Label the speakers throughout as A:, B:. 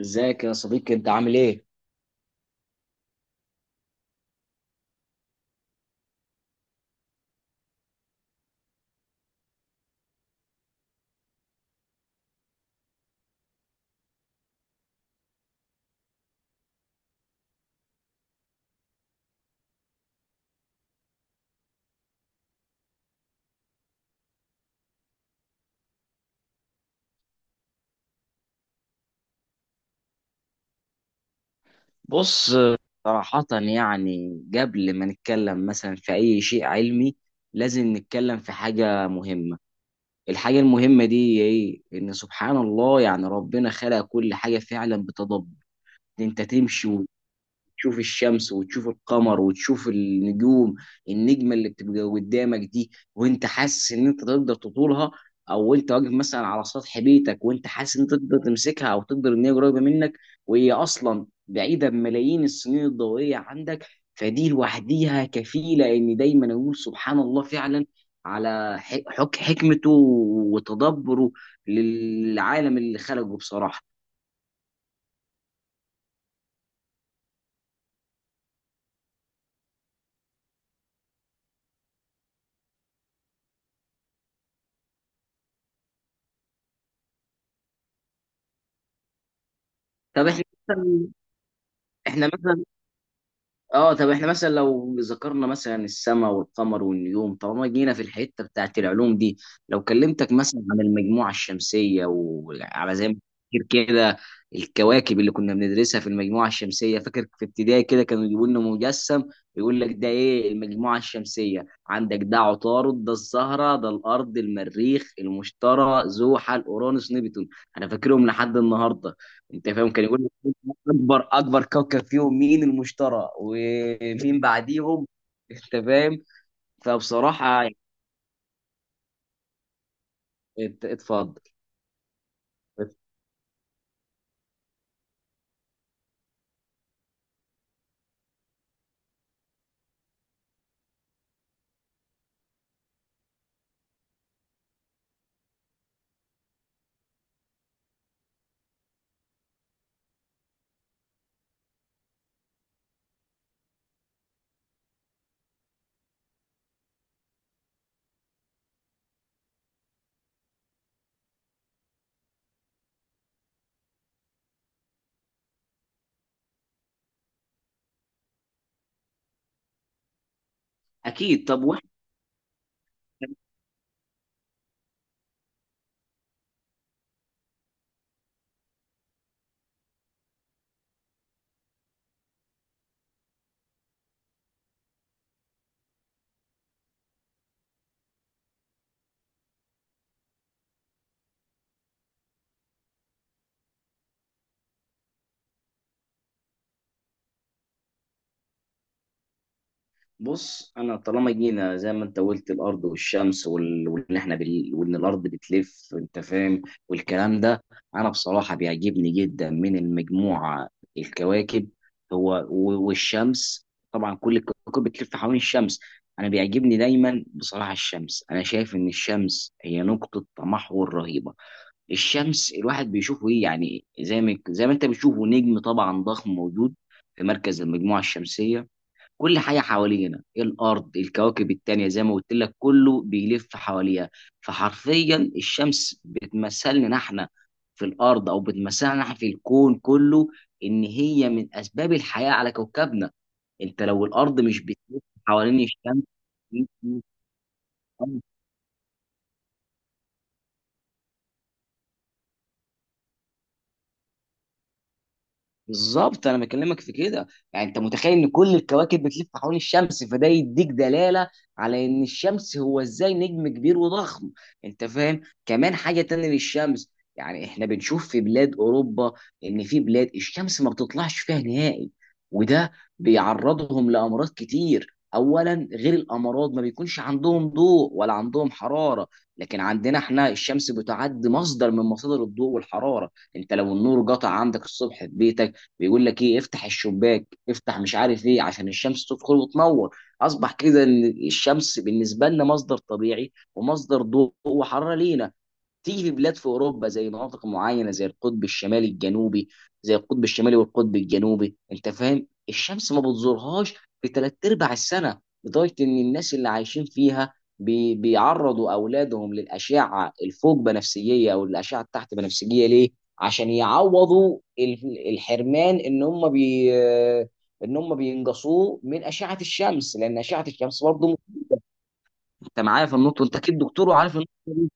A: ازيك يا صديقي؟ انت عامل ايه؟ بص، صراحة يعني قبل ما نتكلم مثلا في اي شيء علمي لازم نتكلم في حاجة مهمة. الحاجة المهمة دي هي ايه؟ ان سبحان الله، يعني ربنا خلق كل حاجة فعلا بتدبر. انت تمشي تشوف الشمس وتشوف القمر وتشوف النجوم. النجمه اللي بتبقى قدامك دي وانت حاسس ان انت تقدر تطولها، او انت واقف مثلا على سطح بيتك وانت حاسس ان انت تقدر تمسكها او تقدر ان هي قريبه منك، وهي اصلا بعيده بملايين السنين الضوئيه عندك. فدي لوحديها كفيله ان دايما اقول سبحان الله فعلا على ح- حك حكمته وتدبره للعالم اللي خلقه بصراحه. طب احنا مثلا، احنا مثلا اه طب احنا مثلا لو ذكرنا مثلا السماء والقمر والنجوم طالما جينا في الحته بتاعت العلوم دي، لو كلمتك مثلا عن المجموعه الشمسيه وعلى زي ما، فاكر كده، الكواكب اللي كنا بندرسها في المجموعه الشمسيه، فاكر في ابتدائي كده كانوا يجيبوا لنا مجسم يقول لك ده ايه المجموعه الشمسيه؟ عندك ده عطارد، ده الزهره، ده الارض، المريخ، المشتري، زحل، اورانوس، نبتون. انا فاكرهم لحد النهارده. انت فاهم؟ كان يقول لك اكبر كوكب فيهم مين؟ المشتري. ومين بعديهم؟ انت فاهم. فبصراحه يعني اتفضل. اكيد. طب واحد، بص انا طالما جينا زي ما انت قلت، الارض والشمس وال... وان احنا بال... وان الارض بتلف، انت فاهم، والكلام ده، انا بصراحه بيعجبني جدا من المجموعه الكواكب هو و... والشمس. طبعا كل الكواكب بتلف حوالين الشمس. انا بيعجبني دايما بصراحه الشمس. انا شايف ان الشمس هي نقطه تمحور رهيبه. الشمس الواحد بيشوفه ايه؟ يعني زي ما انت بتشوفه نجم طبعا ضخم موجود في مركز المجموعه الشمسيه. كل حاجة حوالينا إيه؟ الأرض، الكواكب التانية، زي ما قلت لك كله بيلف حواليها. فحرفيا الشمس بتمثلنا احنا في الأرض، أو بتمثلنا احنا في الكون كله، إن هي من أسباب الحياة على كوكبنا. أنت لو الأرض مش بتلف حوالين الشمس، بالظبط انا بكلمك في كده. يعني انت متخيل ان كل الكواكب بتلف حوالين الشمس، فده يديك دلاله على ان الشمس هو ازاي نجم كبير وضخم. انت فاهم؟ كمان حاجه تانية للشمس، يعني احنا بنشوف في بلاد اوروبا ان في بلاد الشمس ما بتطلعش فيها نهائي، وده بيعرضهم لامراض كتير. اولا، غير الامراض ما بيكونش عندهم ضوء ولا عندهم حراره. لكن عندنا احنا الشمس بتعد مصدر من مصادر الضوء والحراره. انت لو النور قطع عندك الصبح في بيتك بيقول لك ايه؟ افتح الشباك، افتح مش عارف ايه، عشان الشمس تدخل وتنور. اصبح كده ان الشمس بالنسبه لنا مصدر طبيعي ومصدر ضوء وحراره لينا. تيجي في بلاد في اوروبا زي مناطق معينه زي القطب الشمالي الجنوبي، زي القطب الشمالي والقطب الجنوبي، انت فاهم، الشمس ما بتزورهاش في ثلاث ارباع السنه، لدرجه ان الناس اللي عايشين فيها بيعرضوا اولادهم للاشعه الفوق بنفسجيه او الاشعه التحت بنفسجيه. ليه؟ عشان يعوضوا الحرمان ان هم ان هم بينقصوه من اشعه الشمس، لان اشعه الشمس برضه. انت معايا في النقطه؟ انت اكيد دكتور وعارف النقطه دي،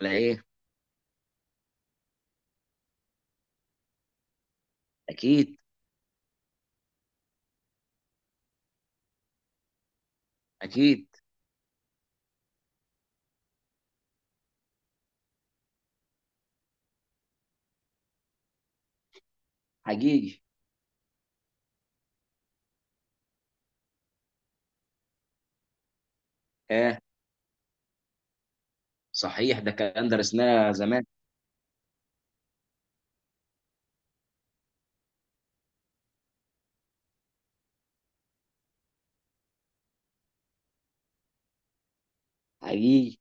A: ولا ايه؟ اكيد. اكيد. حقيقي. اه. صحيح، ده كان درسناه زمان. حقيقي.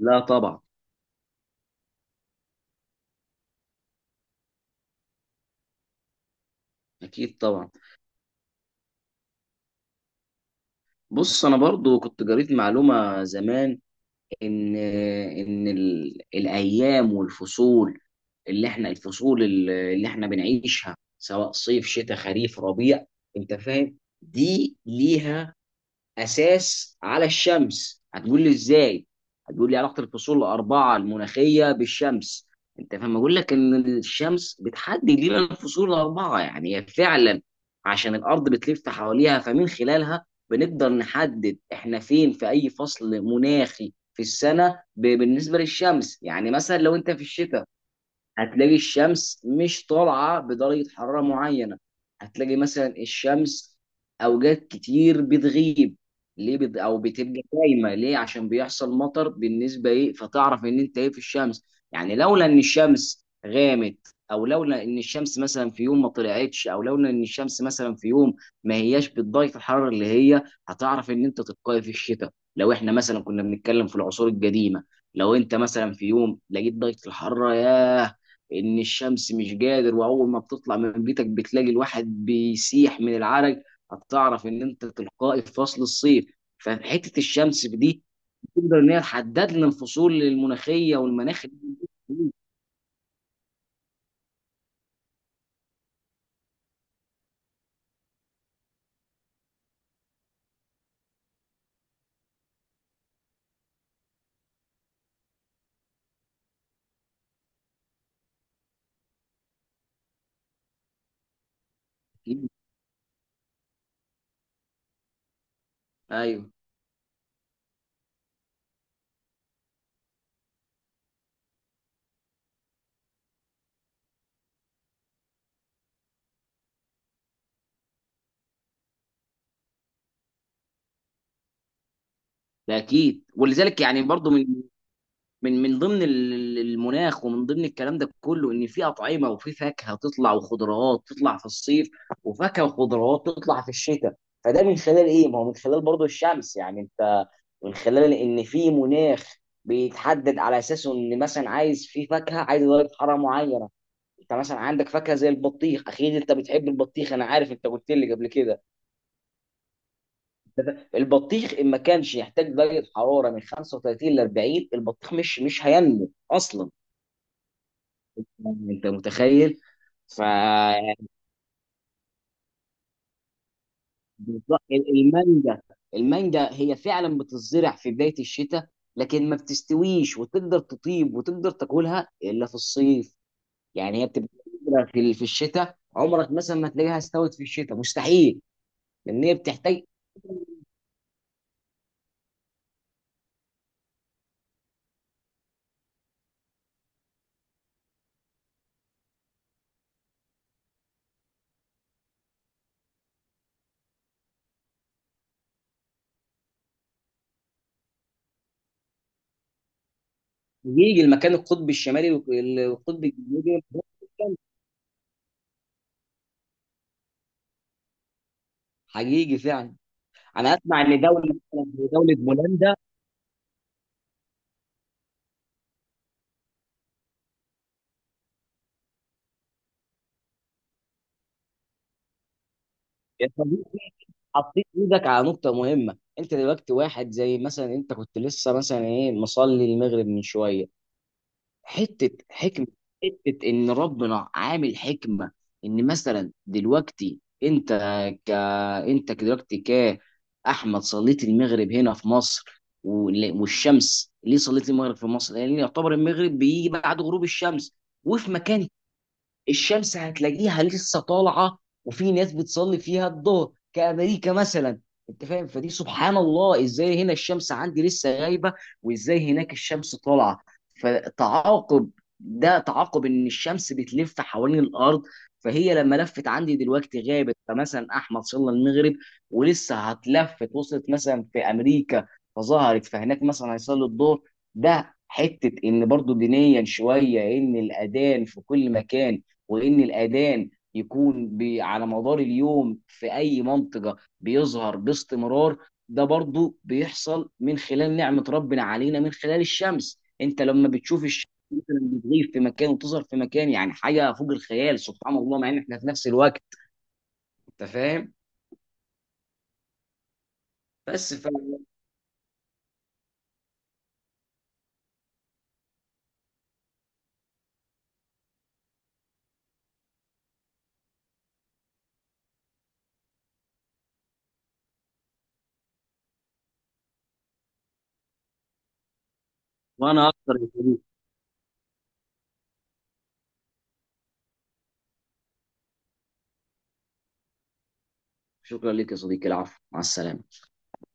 A: لا طبعا. اكيد طبعا. بص، انا برضو كنت قريت معلومة زمان، ان ان ال... الايام والفصول اللي احنا، الفصول اللي احنا بنعيشها سواء صيف شتاء خريف ربيع، انت فاهم، دي ليها اساس على الشمس. هتقول لي ازاي؟ هتقول لي علاقه الفصول الاربعه المناخيه بالشمس. انت فاهم، اقول لك ان الشمس بتحدد لنا الفصول الاربعه. يعني هي فعلا عشان الارض بتلف حواليها، فمن خلالها بنقدر نحدد احنا فين في اي فصل مناخي في السنه بالنسبه للشمس. يعني مثلا لو انت في الشتاء هتلاقي الشمس مش طالعة بدرجة حرارة معينة، هتلاقي مثلا الشمس أوقات كتير بتغيب. ليه أو بتبقى دايمة؟ ليه؟ عشان بيحصل مطر، بالنسبة إيه، فتعرف إن أنت إيه في الشمس. يعني لولا إن الشمس غامت، أو لولا إن الشمس مثلا في يوم ما طلعتش، أو لولا إن الشمس مثلا في يوم ما هياش بالدرجة الحرارة اللي هي، هتعرف إن أنت تتقي في الشتاء. لو إحنا مثلا كنا بنتكلم في العصور القديمة، لو أنت مثلا في يوم لقيت درجة الحرارة يا ان الشمس مش قادر، واول ما بتطلع من بيتك بتلاقي الواحد بيسيح من العرق، هتعرف ان انت تلقائي في فصل الصيف. فحته الشمس دي تقدر ان هي تحدد لنا الفصول المناخيه والمناخ. ايوه، ده اكيد. ولذلك يعني برضو من من ضمن المناخ، ومن ضمن الكلام ده كله، ان في اطعمه وفي فاكهه تطلع وخضروات تطلع في الصيف، وفاكهه وخضروات تطلع في الشتاء. فده من خلال ايه؟ ما هو من خلال برضه الشمس. يعني انت من خلال ان في مناخ بيتحدد على اساسه ان مثلا عايز في فاكهه، عايز درجه حراره معينه. انت مثلا عندك فاكهه زي البطيخ، اكيد انت بتحب البطيخ، انا عارف، انت قلت لي قبل كده. البطيخ ان ما كانش يحتاج درجه حراره من 35 ل 40، البطيخ مش هينمو اصلا. انت متخيل؟ ف بالظبط. المانجا، المانجا هي فعلا بتزرع في بدايه الشتاء، لكن ما بتستويش وتقدر تطيب وتقدر تاكلها الا في الصيف. يعني هي بتبقى بتزرع في الشتاء، عمرك مثلا ما تلاقيها استوت في الشتاء، مستحيل. لان هي بتحتاج. حقيقي، المكان القطبي الشمالي والقطب الجنوبي. حقيقي فعلا. انا اسمع ان دوله هولندا. حطيت ايدك على نقطة مهمة. انت دلوقتي واحد زي مثلا انت كنت لسه مثلا ايه مصلي المغرب من شوية. حتة حكمة، حتة ان ربنا عامل حكمة، ان مثلا دلوقتي انت ك انت دلوقتي كأحمد صليت المغرب هنا في مصر والشمس. ليه صليت المغرب في مصر؟ لان يعتبر المغرب بيجي بعد غروب الشمس. وفي مكان الشمس هتلاقيها لسه طالعه، وفي ناس بتصلي فيها الظهر كامريكا مثلا. انت فاهم؟ فدي سبحان الله، ازاي هنا الشمس عندي لسه غايبه، وازاي هناك الشمس طالعه. فتعاقب، ده تعاقب ان الشمس بتلف حوالين الارض. فهي لما لفت عندي دلوقتي غابت، فمثلا احمد صلى المغرب، ولسه هتلفت وصلت مثلا في امريكا فظهرت، فهناك مثلا هيصلي الظهر. ده حته ان برضو دينيا شويه، ان الاذان في كل مكان، وان الاذان يكون على مدار اليوم في اي منطقه بيظهر باستمرار. ده برضو بيحصل من خلال نعمه ربنا علينا من خلال الشمس. انت لما بتشوف الشمس مثلا بتغيب في مكان وتظهر في مكان، يعني حاجه فوق الخيال، سبحان الله، مع ان احنا في نفس الوقت. انت فاهم؟ بس ف... وانا اكتر يا صديقي. شكرا لك يا صديقي، العفو، مع السلامه.